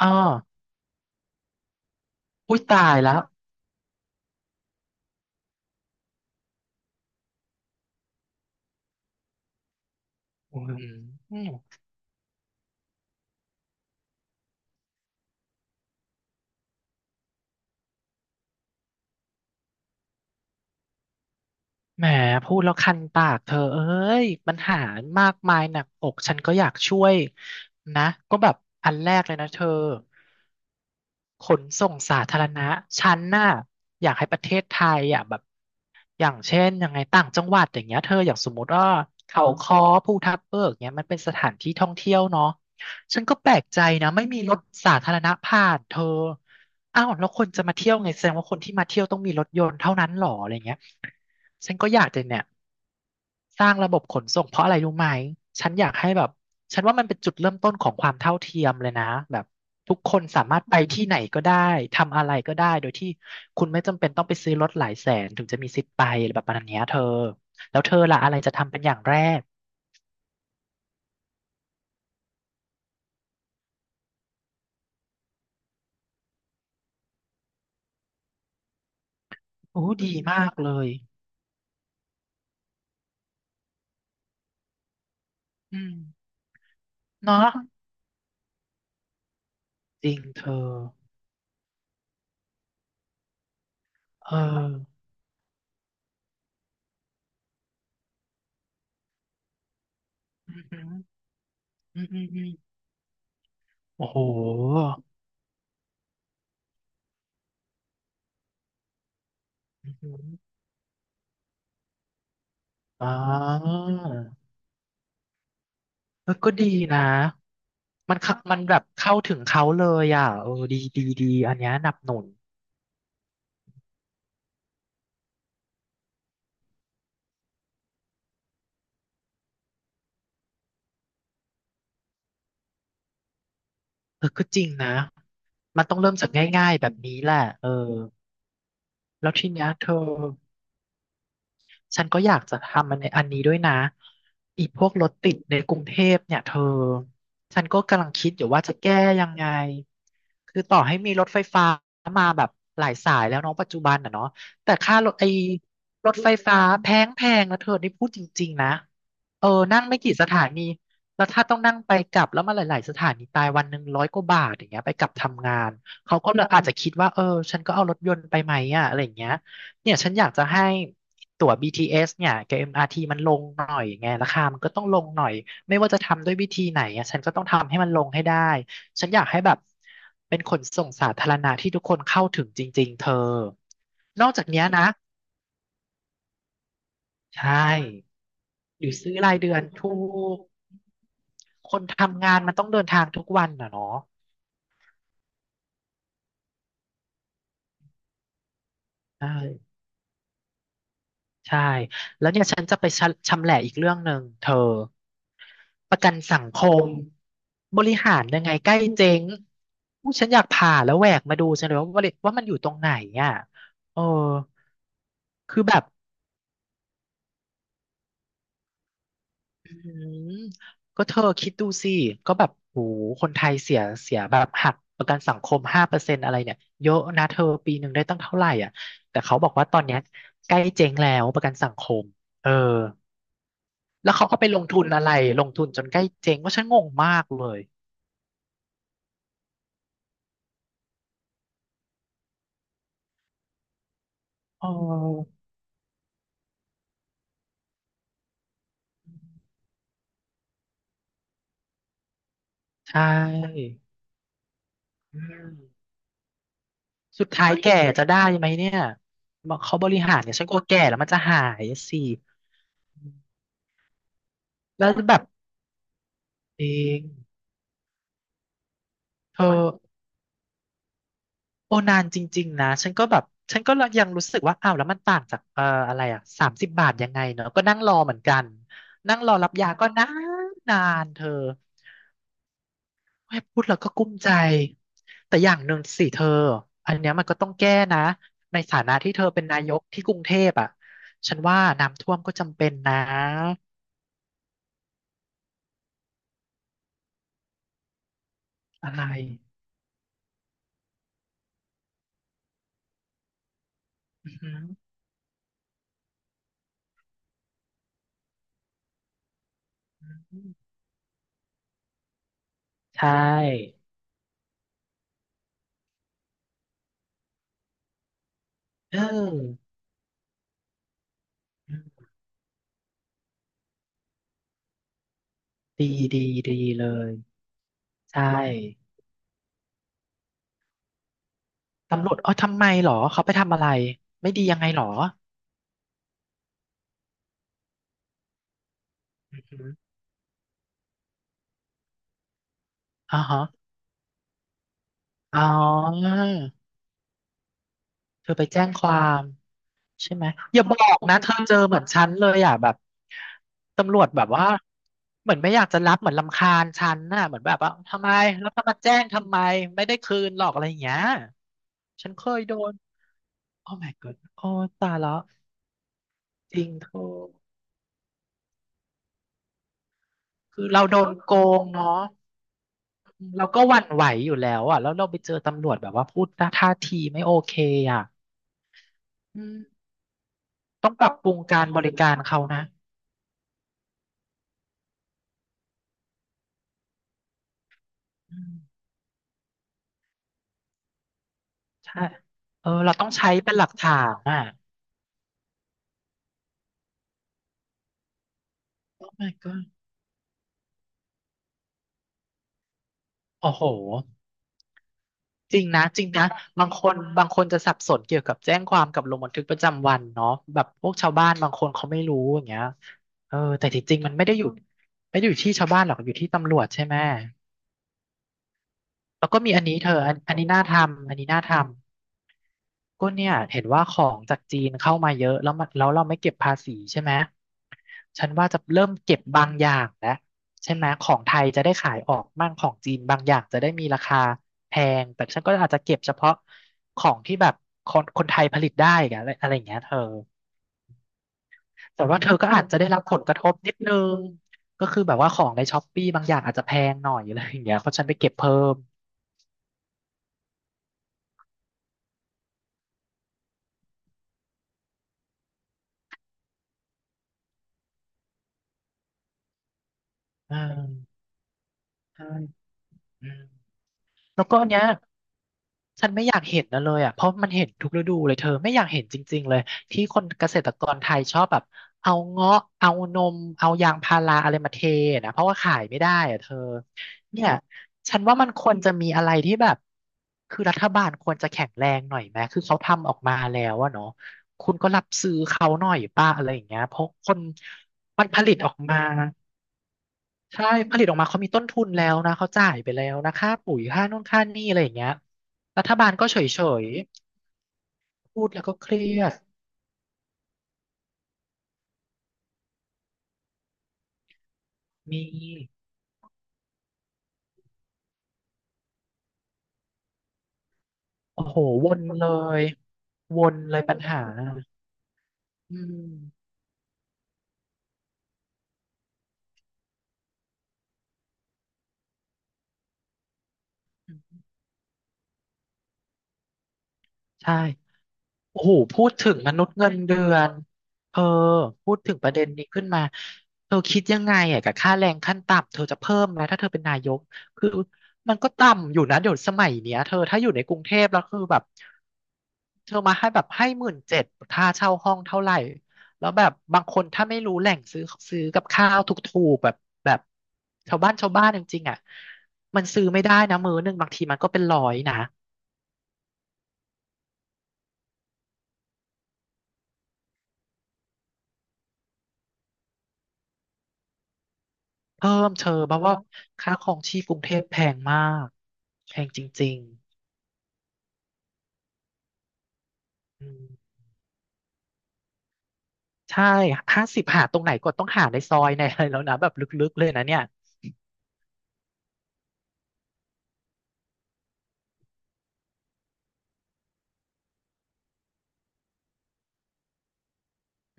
อ้ออุ้ยตายแล้วอืมแหมพูดแล้วคันปากเธอเอ้ยปัญหามากมายหนักอกฉันก็อยากช่วยนะก็แบบอันแรกเลยนะเธอขนส่งสาธารณะฉันน่ะอยากให้ประเทศไทยอ่ะแบบอย่างเช่นยังไงต่างจังหวัดอย่างเงี้ยเธออย่างสมมติว่าเขาค้อภูทับเบิกเงี้ยมันเป็นสถานที่ท่องเที่ยวเนาะ ฉันก็แปลกใจนะไม่มีรถสาธารณะผ่านเธออ้าวแล้วคนจะมาเที่ยวไงแสดงว่าคนที่มาเที่ยวต้องมีรถยนต์เท่านั้นหรออะไรเงี้ยฉันก็อยากจะเนี่ยสร้างระบบขนส่งเพราะอะไรรู้ไหมฉันอยากให้แบบฉันว่ามันเป็นจุดเริ่มต้นของความเท่าเทียมเลยนะแบบทุกคนสามารถไปที่ไหนก็ได้ทำอะไรก็ได้โดยที่คุณไม่จำเป็นต้องไปซื้อรถหลายแสนถึงจะมีสิทธิ์ไปอะไรแบบนัานเนี้ยเธอแล้วเธอล่ะอะไรจะทำเป็นอย่างแรกโอ้ดีมากเลยอืมเนาะ จริงเธอเอออือหืออืออืออือโอ้โหอือหืออ่าเออก็ดีนะมันเข้ามันแบบเข้าถึงเขาเลยอ่ะเออดีดีดีอันเนี้ยหนับหนุนเออก็จริงนะมันต้องเริ่มจากง่ายๆแบบนี้แหละเออแล้วทีเนี้ยเธอ ฉันก็อยากจะทำมันในอันนี้ด้วยนะอีพวกรถติดในกรุงเทพเนี่ยเธอฉันก็กำลังคิดอยู่ว่าจะแก้ยังไงคือต่อให้มีรถไฟฟ้ามาแบบหลายสายแล้วเนาะปัจจุบันอ่ะเนาะแต่ค่ารถไอ้รถไฟฟ้าแพงนะเธอนี่พูดจริงๆนะเออนั่งไม่กี่สถานีแล้วถ้าต้องนั่งไปกลับแล้วมาหลายๆสถานีตายวันหนึ่งร้อยกว่าบาทอย่างเงี้ยไปกลับทำงานเขาก็เลยอาจจะคิดว่าเออฉันก็เอารถยนต์ไปไหมอ่ะอะไรอย่างเงี้ย เนี่ยฉันอยากจะให้ตั๋ว BTS เอสเนี่ยกับ MRT มอาร์ทีมันลงหน่อยไงราคามันก็ต้องลงหน่อยไม่ว่าจะทำด้วยวิธีไหนอะฉันก็ต้องทำให้มันลงให้ได้ฉันอยากให้แบบเป็นขนส่งสาธารณะที่ทุกคนเข้าถึงจริงๆเธอ นอกจากเนี้ยนะใช่หรือซื้อรายเดือนถูกคนทำงานมันต้องเดินทางทุกวันอ่ะเนาะใช่ ใช่แล้วเนี่ยฉันจะไปชะชำแหละอีกเรื่องหนึ่งเธอประกันสังคมบริหารยังไงใกล้เจ๊งอู้ฉันอยากผ่าแล้วแหวกมาดูจังเลยว่ามันอยู่ตรงไหนอ่ะเออคือแบบอืมก็เธอคิดดูสิก็แบบโหคนไทยเสียแบบหักประกันสังคม5%อะไรเนี่ยเยอะนะเธอปีหนึ่งได้ตั้งเท่าไหร่อ่ะแต่เขาบอกว่าตอนเนี้ยใกล้เจ๊งแล้วประกันสังคมเออ แล้วเขาก็ไปลงทุนอะไรลงทุนจนใกล้เจ๊งว่าฉันงงมากเลยอ๋อใช่อืมสุดท้ายแก่จะได้ไหมเนี่ยเขาบริหารเนี่ยฉันกลัวแก่แล้วมันจะหายสิอืมแล้วแบบเองเธอโอนานจริงๆนะฉันก็แบบฉันก็ยังรู้สึกว่าอ้าวแล้วมันต่างจากอะไรอ่ะ30 บาทยังไงเนอะก็นั่งรอเหมือนกันนั่งรอรับยาก็นานเธอ แม่พูดแล้วก็กุ้มใจ แต่อย่างหนึ่งสิเธอ อันเนี้ยมันก็ต้องแก้นะ ในฐานะที่เธอเป็นนายกที่กรุงเทพอ่ะฉันว่าน้ำท่วมก็จำเป็นนะ อะไรอือหืออืมใช่เอออืมดีดีดีเลย ใช่ ตำรวจเอ๋อทำไมเหรอ เขาไปทำอะไร ไม่ดียังไงเหรออือหืออ่าฮะอ๋อ เธอไปแจ้งความ ใช่ไหมอย่าบอกนะเธอเจอเหมือนฉันเลยอ่ะแบบตำรวจแบบว่าเหมือนไม่อยากจะรับเหมือนรำคาญฉันน่ะเหมือนแบบว่าทำไมแล้วจะมาแจ้งทำไมไม่ได้คืนหรอกอะไรอย่างเงี้ยฉันเคยโดนโอ้ my god โอ้ตายแล้วจริงเธอคือเราโดนโกงเนาะเราก็หวั่นไหวอยู่แล้วอ่ะแล้วเราไปเจอตำรวจแบบว่าพูดท่าทีไม่โอเคอ่ะอืมต้องปรับปรุงการบริการเขานะอืมใช่เออเราต้องใช้เป็นหลักฐานอ่ะ my god โอ้โหจริงนะจริงนะบางคนบางคนจะสับสนเกี่ยวกับแจ้งความกับลงบันทึกประจำวันเนาะแบบพวกชาวบ้านบางคนเขาไม่รู้อย่างเงี้ยเออแต่ที่จริงๆมันไม่ได้อยู่ไม่ได้อยู่ที่ชาวบ้านหรอกอยู่ที่ตำรวจใช่ไหม แล้วก็มีอันนี้เธออันนี้น่าทำอันนี้น่าทำ ก็เนี่ยเห็นว่าของจากจีนเข้ามาเยอะแล้วเราไม่เก็บภาษีใช่ไหมฉันว่าจะเริ่มเก็บบางอย่างแล้วใช่ไหมของไทยจะได้ขายออกมั่งของจีนบางอย่างจะได้มีราคาแพงแต่ฉันก็อาจจะเก็บเฉพาะของที่แบบคนไทยผลิตได้อะไรอะไรอย่างเงี้ยเธอแต่ว่าเธอก็อาจจะได้รับผลกระทบนิดนึงก็คือแบบว่าของในช้อปปี้บางอย่างอาจจะแพงหน่อยอะไรอย่างเงี้ยเพราะฉันไปเก็บเพิ่มอ่าใช่อืม แล้วก็อันเนี้ยฉันไม่อยากเห็นนะเลยอ่ะเพราะมันเห็นทุกฤดูเลยเธอไม่อยากเห็นจริงๆเลยที่คนเกษตรกรไทยชอบแบบเอาเงาะเอานมเอายางพาราอะไรมาเทนะเพราะว่าขายไม่ได้อ่ะเธอเนี่ยฉันว่ามันควรจะมีอะไรที่แบบคือรัฐบาลควรจะแข็งแรงหน่อยไหมคือเขาทำออกมาแล้วอะเนาะคุณก็รับซื้อเขาหน่อยป้าอะไรอย่างเงี้ยเพราะคนมันผลิตออกมา ใช่ผลิตออกมาเขามีต้นทุนแล้วนะเขาจ่ายไปแล้วนะค่าปุ๋ยค่านู่นค่านี่อะไรอย่างเงี้ยรัฐบาลก็เฉยๆพูดแล้วก็เครียดมีโอ้โหวนเลยวนเลยปัญหาอืมใช่ โอ้โหพูดถึงมนุษย์เงินเดือนเธอพูดถึงประเด็นนี้ขึ้นมา เธอคิดยังไงอ่ะกับค่าแรงขั้นต่ำเธอจะเพิ่มไหมถ้าเธอเป็นนายก คือมันก็ต่ำอยู่นะเดี๋ยวสมัยเนี้ยเธอถ้าอยู่ในกรุงเทพแล้วคือแบบ เธอมาให้แบบให้17,000ค่าเช่าห้องเท่าไหร่ แล้วแบบบางคนถ้าไม่รู้แหล่งซื้อกับข้าวถูกๆแบบแบบชาวบ้านจริงๆอ่ะมันซื้อไม่ได้นะมื้อหนึ่งบางทีมันก็เป็นร้อยนะ เพิ่มเธอเพราะว่าค่าครองชีพกรุงเทพแพงมากแพงจริงๆอืมใช่50หาตรงไหนก็ต้องหาในซอยในอะไรแล้วนะแบบลึกๆเลยนะเนี่ย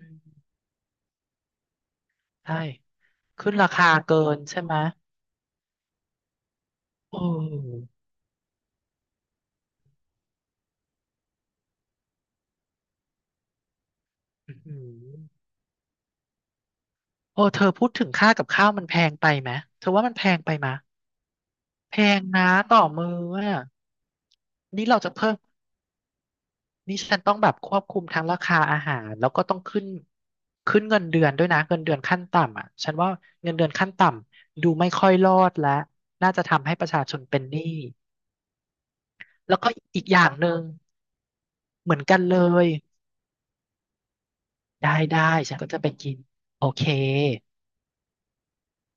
อืมใช่ขึ้นราคาเกินใช่ไหมโอ้อือหือโอ้เธอพูดถึงค่ากับข้าวมันแพงไปไหมเธอว่ามันแพงไปไหมแพงนะต่อมืออ่ะนี่เราจะเพิ่ม นี่ฉันต้องแบบควบคุมทั้งราคาอาหารแล้วก็ต้องขึ้นเงินเดือนด้วยนะเงินเดือนขั้นต่ำอ่ะฉันว่าเงินเดือนขั้นต่ำดูไม่ค่อยรอดและน่าจะทำให้ประชาชนเป็นหนี้แล้วก็อีกอย่างหนึ่งเหมือนกันเลยได้ได้ฉันก็จะไปกินโอเค